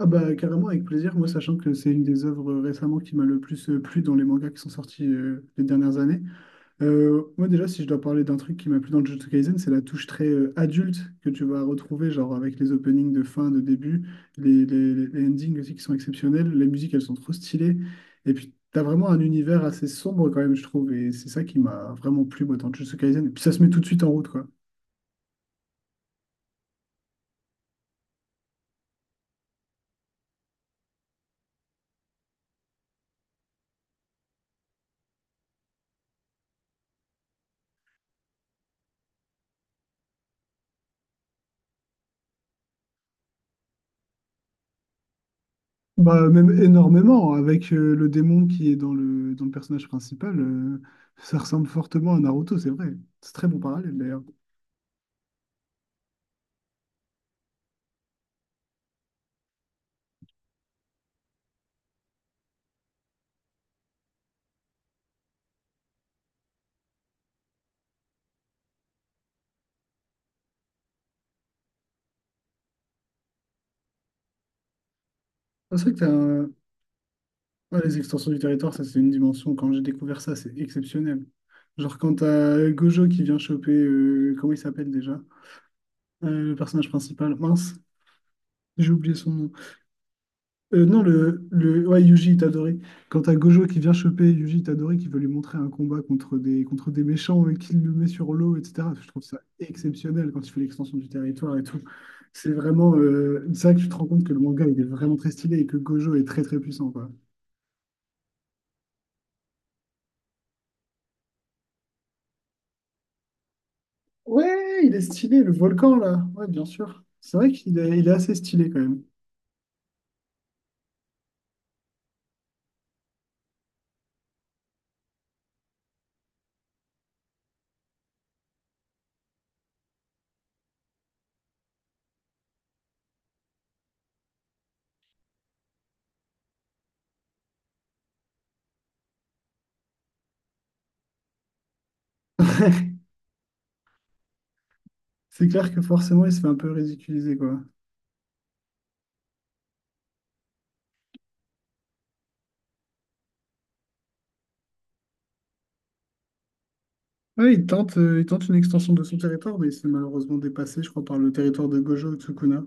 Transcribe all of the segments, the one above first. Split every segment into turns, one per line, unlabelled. Ah bah carrément avec plaisir, moi sachant que c'est une des œuvres récemment qui m'a le plus plu dans les mangas qui sont sortis les dernières années. Moi déjà, si je dois parler d'un truc qui m'a plu dans Jujutsu Kaisen, c'est la touche très adulte que tu vas retrouver, genre avec les openings de fin, de début, les endings aussi qui sont exceptionnels, les musiques elles sont trop stylées, et puis t'as vraiment un univers assez sombre quand même, je trouve, et c'est ça qui m'a vraiment plu moi, dans Jujutsu Kaisen, et puis ça se met tout de suite en route, quoi. Bah, même énormément, avec le démon qui est dans le personnage principal, ça ressemble fortement à Naruto, c'est vrai. C'est très bon parallèle d'ailleurs. Ah, c'est vrai que ouais, les extensions du territoire, ça c'est une dimension, quand j'ai découvert ça, c'est exceptionnel. Genre quand t'as Gojo qui vient choper, comment il s'appelle déjà? Le personnage principal, mince, j'ai oublié son nom. Non, le... Ouais, Yuji Itadori. Quand t'as Gojo qui vient choper Yuji Itadori, qui veut lui montrer un combat contre des méchants et qu'il le met sur l'eau, etc. Je trouve ça exceptionnel quand il fait l'extension du territoire et tout. C'est vrai que tu te rends compte que le manga, il est vraiment très stylé et que Gojo est très très puissant, quoi. Ouais, il est stylé, le volcan, là. Ouais, bien sûr. C'est vrai qu'il est assez stylé, quand même. C'est clair que forcément, il se fait un peu ridiculiser, quoi. Ouais, il tente une extension de son territoire, mais il se fait malheureusement dépassé, je crois, par le territoire de Gojo Tsukuna.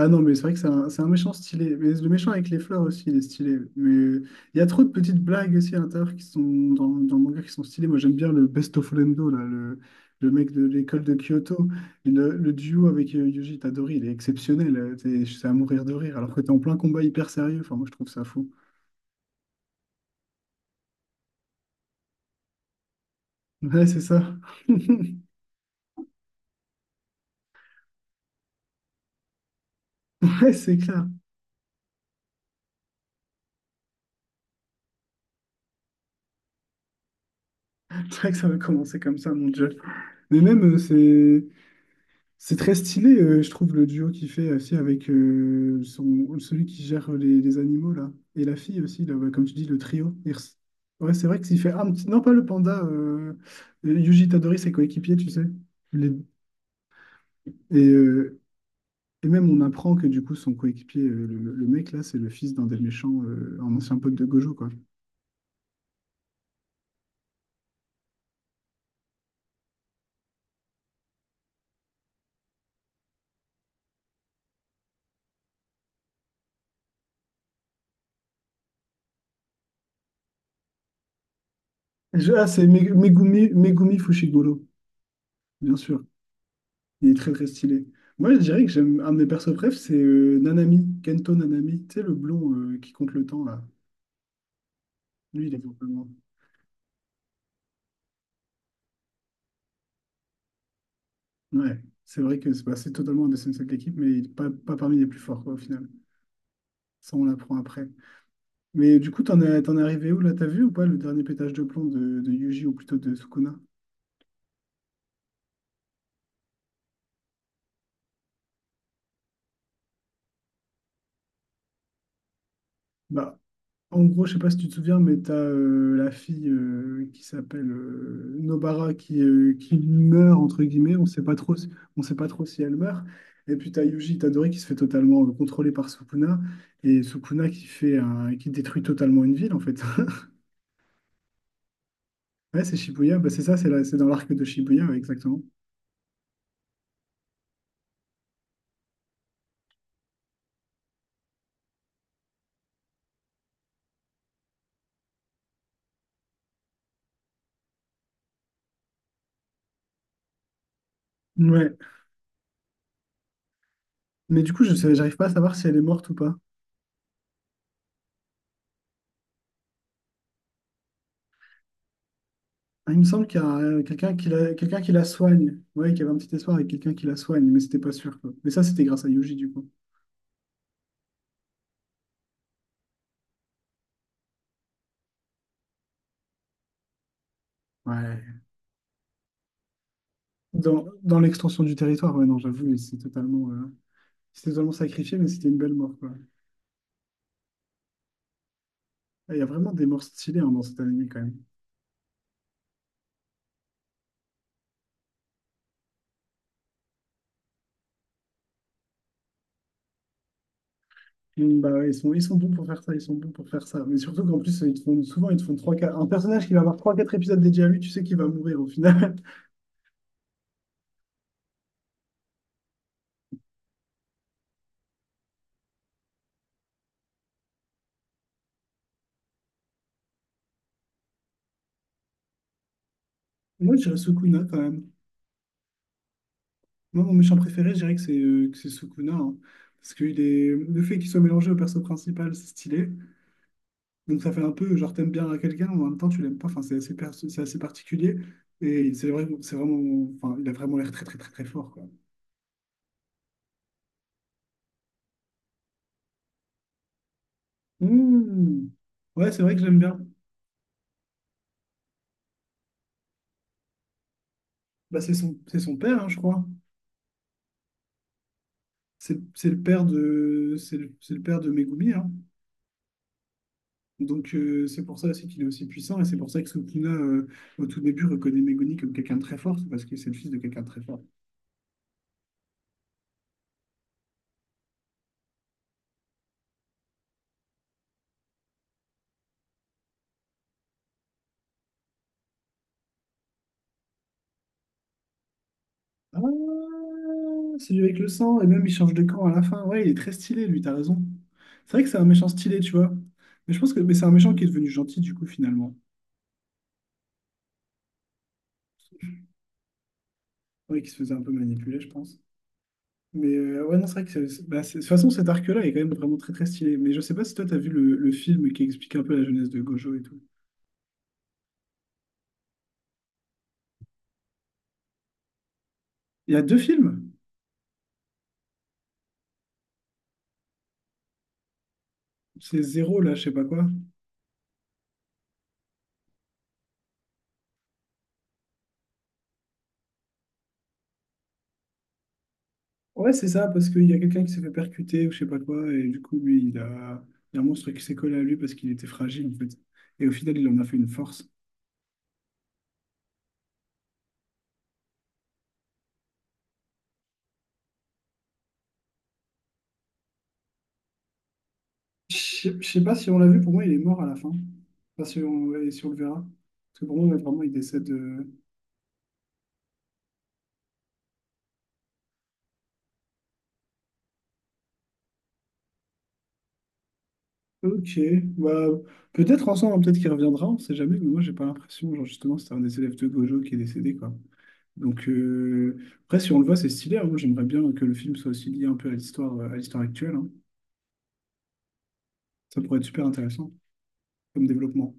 Ah non, mais c'est vrai que c'est un méchant stylé. Mais le méchant avec les fleurs aussi, il est stylé. Mais il y a trop de petites blagues aussi à l'intérieur qui sont dans le manga qui sont stylées. Moi, j'aime bien le Best of Lendo, là, le mec de l'école de Kyoto. Et le duo avec Yuji Tadori, il est exceptionnel. C'est à mourir de rire, alors que t'es en plein combat hyper sérieux. Enfin, moi, je trouve ça fou. Ouais, c'est ça. Ouais, c'est clair. C'est vrai que ça va commencer comme ça, mon Dieu. Mais même, c'est. C'est très stylé, je trouve, le duo qu'il fait aussi avec son, celui qui gère les animaux, là. Et la fille aussi, là, ouais, comme tu dis, le trio. Ouais, c'est vrai que s'il fait... Ah, non, pas le panda. Yuji Tadori, ses coéquipiers, tu sais. Les- Et, euh, et même, on apprend que du coup, son coéquipier, le mec, là, c'est le fils d'un des méchants, un ancien pote de Gojo, quoi. Megumi, Megumi Fushiguro, bien sûr. Il est très très stylé. Moi, je dirais que j'aime un de mes persos préf, c'est Nanami, Kento Nanami, tu sais, le blond qui compte le temps là. Lui, il est totalement. Ouais, c'est vrai que c'est bah, c'est totalement un des senseis de l'équipe, mais il n'est pas parmi les plus forts quoi, au final. Ça, on l'apprend après. Mais du coup, t'en es arrivé où là? T'as vu ou pas le dernier pétage de plomb de Yuji ou plutôt de Sukuna? Bah, en gros, je sais pas si tu te souviens, mais t'as as la fille qui s'appelle Nobara qui meurt, entre guillemets. On sait pas trop si elle meurt. Et puis t'as as Yuji Itadori qui se fait totalement contrôler par Sukuna. Et Sukuna qui détruit totalement une ville, en fait. Ouais, c'est Shibuya. Bah, c'est ça, c'est là. C'est dans l'arc de Shibuya, ouais, exactement. Ouais, mais du coup, je sais, j'arrive pas à savoir si elle est morte ou pas. Ah, il me semble qu'il y a quelqu'un quelqu'un qui la soigne. Ouais, qu'il y avait un petit espoir avec quelqu'un qui la soigne, mais c'était pas sûr, quoi. Mais ça, c'était grâce à Yuji, du coup. Ouais. Dans l'extension du territoire, ouais, non, j'avoue, c'est totalement sacrifié, mais c'était une belle mort, quoi. Ah, il y a vraiment des morts stylées hein, dans cette anime, quand même. Mm, bah, ouais, ils sont bons pour faire ça, ils sont bons pour faire ça. Mais surtout qu'en plus, ils te font, souvent, ils te font 3, 4. Un personnage qui va avoir trois, quatre épisodes dédiés à lui, tu sais qu'il va mourir au final. Moi, je dirais Sukuna, quand même. Moi, mon méchant préféré, je dirais que c'est Sukuna. Hein. Parce que il est... le fait qu'il soit mélangé au perso principal, c'est stylé. Donc ça fait un peu, genre, t'aimes bien quelqu'un, mais en même temps, tu l'aimes pas. Enfin, c'est assez particulier. C'est vrai, c'est vraiment... Enfin, il a vraiment l'air très, très, très, très fort, quoi. Mmh. Ouais, c'est vrai que j'aime bien. Bah, c'est son père, hein, je crois. C'est le père de... c'est le père de Megumi, hein. Donc c'est pour ça aussi qu'il est aussi puissant. Et c'est pour ça que Sukuna, au tout début, reconnaît Megumi comme quelqu'un de très fort. C'est parce que c'est le fils de quelqu'un de très fort. Ah, c'est celui avec le sang, et même il change de camp à la fin. Ouais, il est très stylé, lui, t'as raison. C'est vrai que c'est un méchant stylé, tu vois. Mais je pense que c'est un méchant qui est devenu gentil, du coup, finalement. Ouais, qui se faisait un peu manipuler, je pense. Mais ouais, non, c'est vrai que de toute façon, cet arc-là est quand même vraiment très très stylé. Mais je sais pas si toi, t'as vu le film qui explique un peu la jeunesse de Gojo et tout. Il y a deux films. C'est Zéro, là, je sais pas quoi. Ouais, c'est ça, parce qu'il y a quelqu'un qui s'est fait percuter ou je sais pas quoi, et du coup, il y a un monstre qui s'est collé à lui parce qu'il était fragile, en fait. Et au final, il en a fait une force. Je sais pas si on l'a vu, pour moi, il est mort à la fin. Pas si on, et si on le verra. Parce que pour moi, vraiment, il décède. Ok, bah, peut-être ensemble, hein, peut-être qu'il reviendra, on sait jamais, mais moi, j'ai pas l'impression. Genre, justement, c'était un des élèves de Gojo qui est décédé, quoi. Donc, après, si on le voit, c'est stylé. Hein. Moi, j'aimerais bien que le film soit aussi lié un peu à l'histoire actuelle. Hein. Ça pourrait être super intéressant comme développement.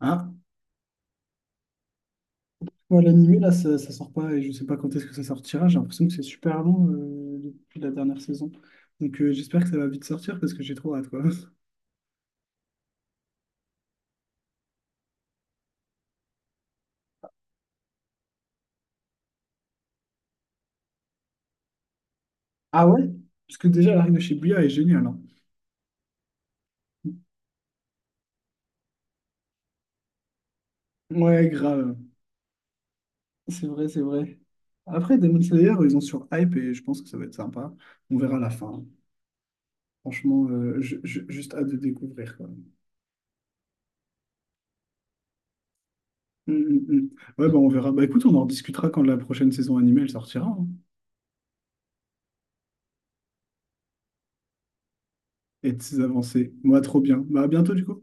Ah, moi, l'animé, là, ça sort pas et je sais pas quand est-ce que ça sortira. J'ai l'impression que c'est super long depuis la dernière saison. Donc, j'espère que ça va vite sortir parce que j'ai trop hâte, quoi. Ah ouais? Parce que déjà, l'arc de Shibuya est génial, hein. Ouais, grave. C'est vrai, c'est vrai. Après, Demon Slayer, ils ont sur hype et je pense que ça va être sympa. On verra la fin. Franchement, juste hâte de découvrir, quoi. Hum, hum, hum. Ouais, bah on verra. Bah écoute, on en rediscutera quand la prochaine saison animée elle sortira hein, et de ses avancées. Moi, trop bien. Bah à bientôt, du coup.